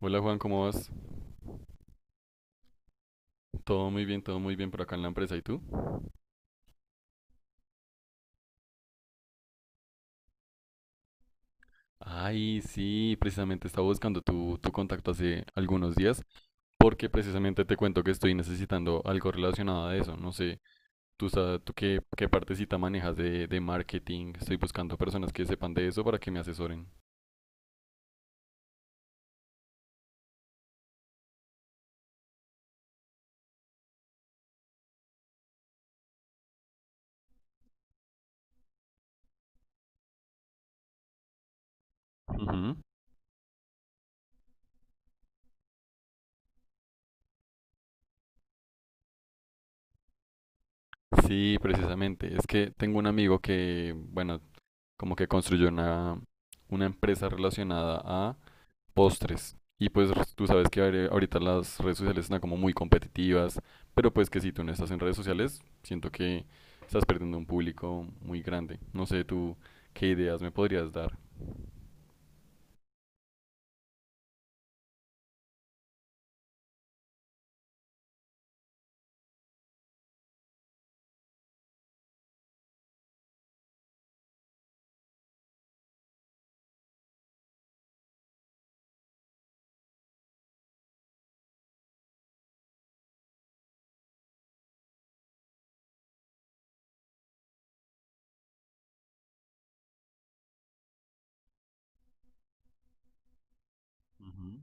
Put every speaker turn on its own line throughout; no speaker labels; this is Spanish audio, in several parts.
Hola Juan, ¿cómo vas? Todo muy bien por acá en la empresa. ¿Y tú? Ay, sí, precisamente estaba buscando tu contacto hace algunos días porque precisamente te cuento que estoy necesitando algo relacionado a eso. No sé, tú qué partecita manejas de marketing. Estoy buscando personas que sepan de eso para que me asesoren. Ujú. Sí, precisamente. Es que tengo un amigo que, bueno, como que construyó una empresa relacionada postres. Y pues tú sabes que ahorita las redes sociales están como muy competitivas, pero pues que si tú no estás en redes sociales, siento que estás perdiendo un público muy grande. No sé tú qué ideas me podrías dar. Ujú.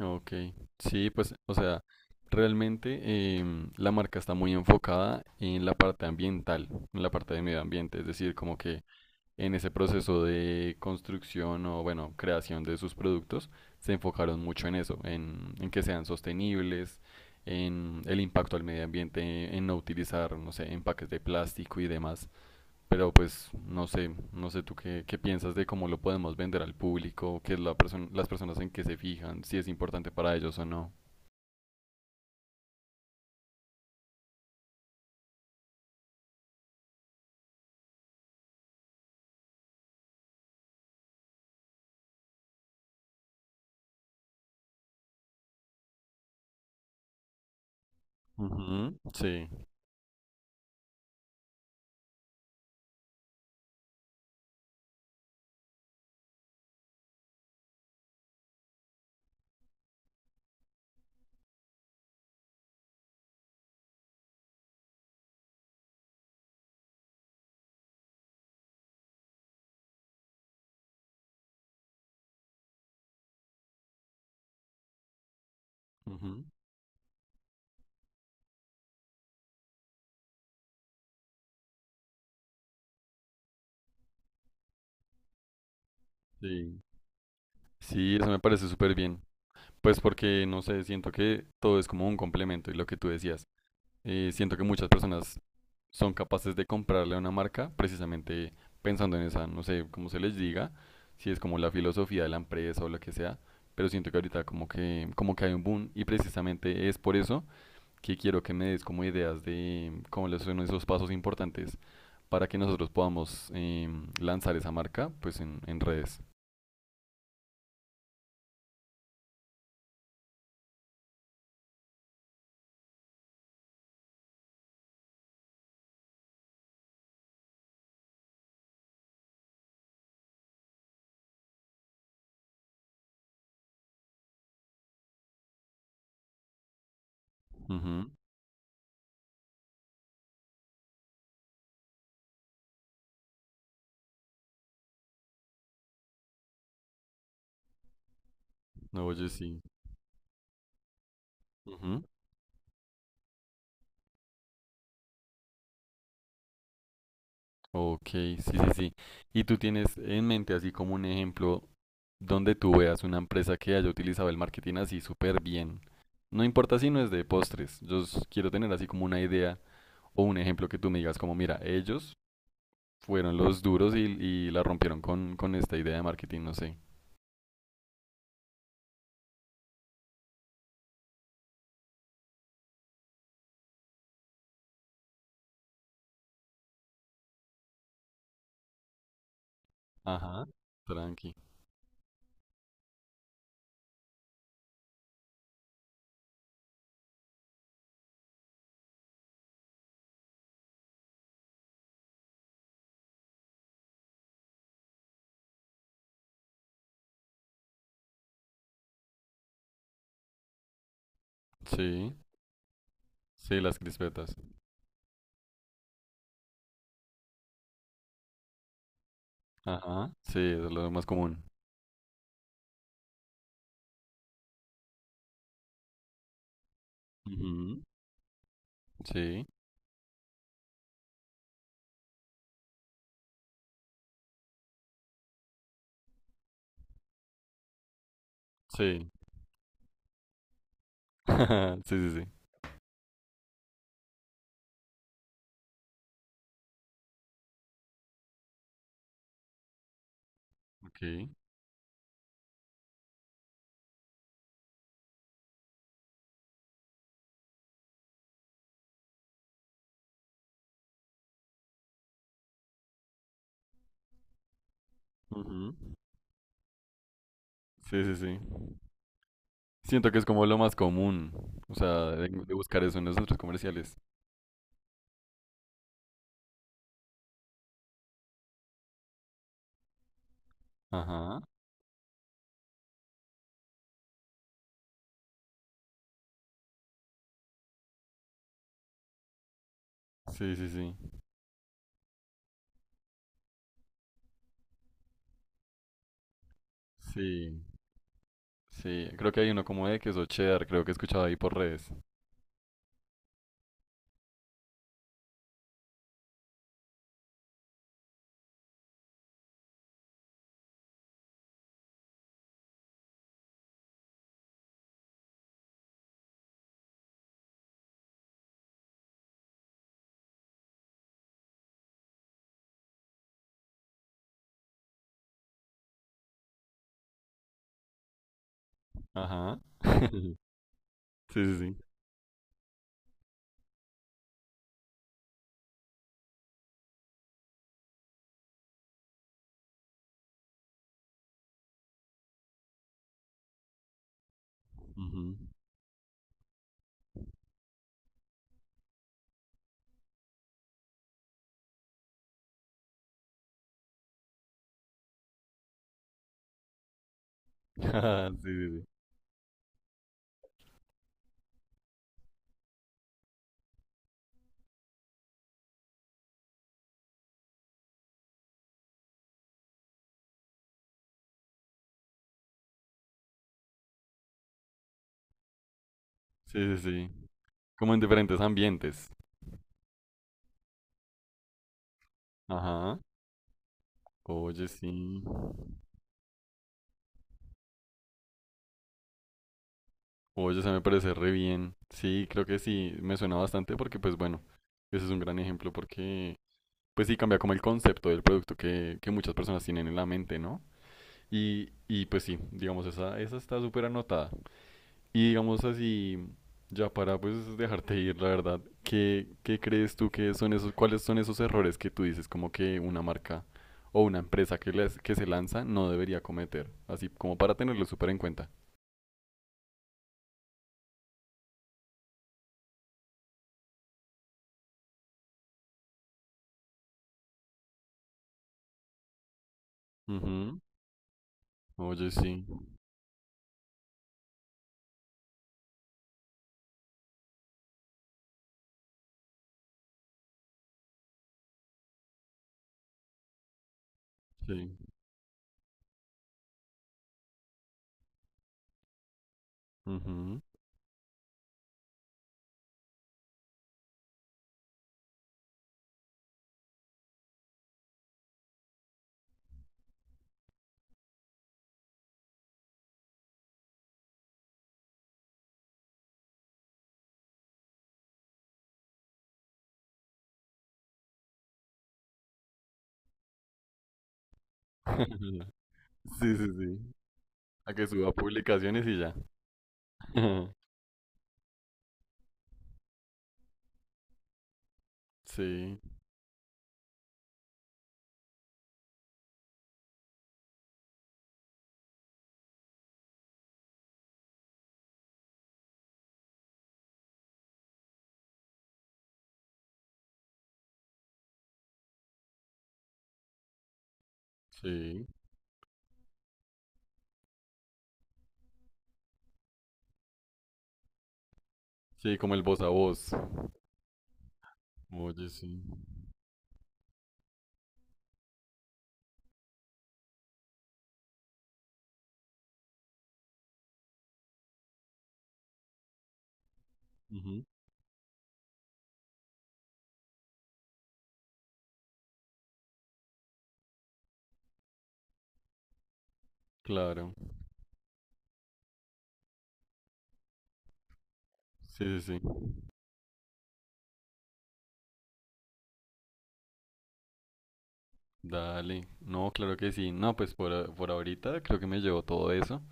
Ok, sí, pues, o sea, realmente la marca está muy enfocada en la parte ambiental, en la parte de medio ambiente, es decir, como que en ese proceso de construcción o, bueno, creación de sus productos, se enfocaron mucho en eso, en que sean sostenibles, en el impacto al medio ambiente, en no utilizar, no sé, empaques de plástico y demás. Pero pues no sé, no sé tú qué piensas de cómo lo podemos vender al público, qué es la persona, las personas en qué se fijan, si es importante para ellos o no. Ujú, sí, ujú, sí. Sí, eso me parece súper bien. Pues porque, no sé, siento que todo es como un complemento y lo que tú decías. Siento que muchas personas son capaces de comprarle a una marca precisamente pensando en esa, no sé cómo se les diga, si es como la filosofía de la empresa o lo que sea, pero siento que ahorita como que hay un boom y precisamente es por eso que quiero que me des como ideas de cómo les son esos pasos importantes para que nosotros podamos lanzar esa marca pues en redes. Ujú. No, oye, sí. Ujú. Ok, sí, sí, sí. ¿Y tú tienes en mente así como un ejemplo donde tú veas una empresa que haya utilizado el marketing así súper bien? No importa si no es de postres, quiero tener así como una idea o un ejemplo que tú me digas como, mira, ellos fueron los duros y, la rompieron con, esta idea de marketing, no sé. Ajá, tranqui. Sí, sí, las crispetas. Ajá, sí, eso es lo más común. Ujú, sí, sí. Sí, sí, sí. Ok. Ujú, sí, sí, sí. Siento que es como lo más común, o sea, de buscar eso en los centros comerciales. Ajá. Sí, sí, sí. Sí, sí. Creo que hay uno como de queso cheddar, creo que he escuchado ahí por redes. Ajá. Sí, sí, sí. Ujú. Ajá, sí, sí, sí. Sí, sí, sí. Como en diferentes ambientes. Ajá. Oye, sí. Oye, se me parece re bien. Sí, creo que sí, me suena bastante porque, pues bueno, ese es un gran ejemplo porque pues sí cambia como el concepto del producto que muchas personas tienen en la mente, ¿no? Y, pues sí, digamos, esa está súper anotada. Y digamos así, ya para pues dejarte ir, la verdad, ¿ qué crees tú que son esos, cuáles son esos errores que tú dices como que una marca o una empresa que se lanza no debería cometer? Así como para tenerlo súper en cuenta. Ujú. Oye, sí. Sí. Ujú. Sí, sí, sí. A que suba publicaciones y ya. Sí. Sí, sí, como el voz a voz. Oye, sí. Ujú, claro. Sí, sí, sí. Dale. No, claro que sí. No, pues por ahorita creo que me llevo todo eso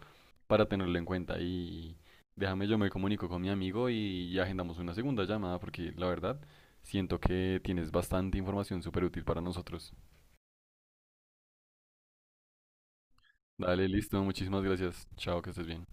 para tenerlo en cuenta y déjame yo me comunico con mi amigo y, agendamos una segunda llamada porque la verdad siento que tienes bastante información súper útil para nosotros. Dale, listo. Muchísimas gracias. Chao, que estés bien.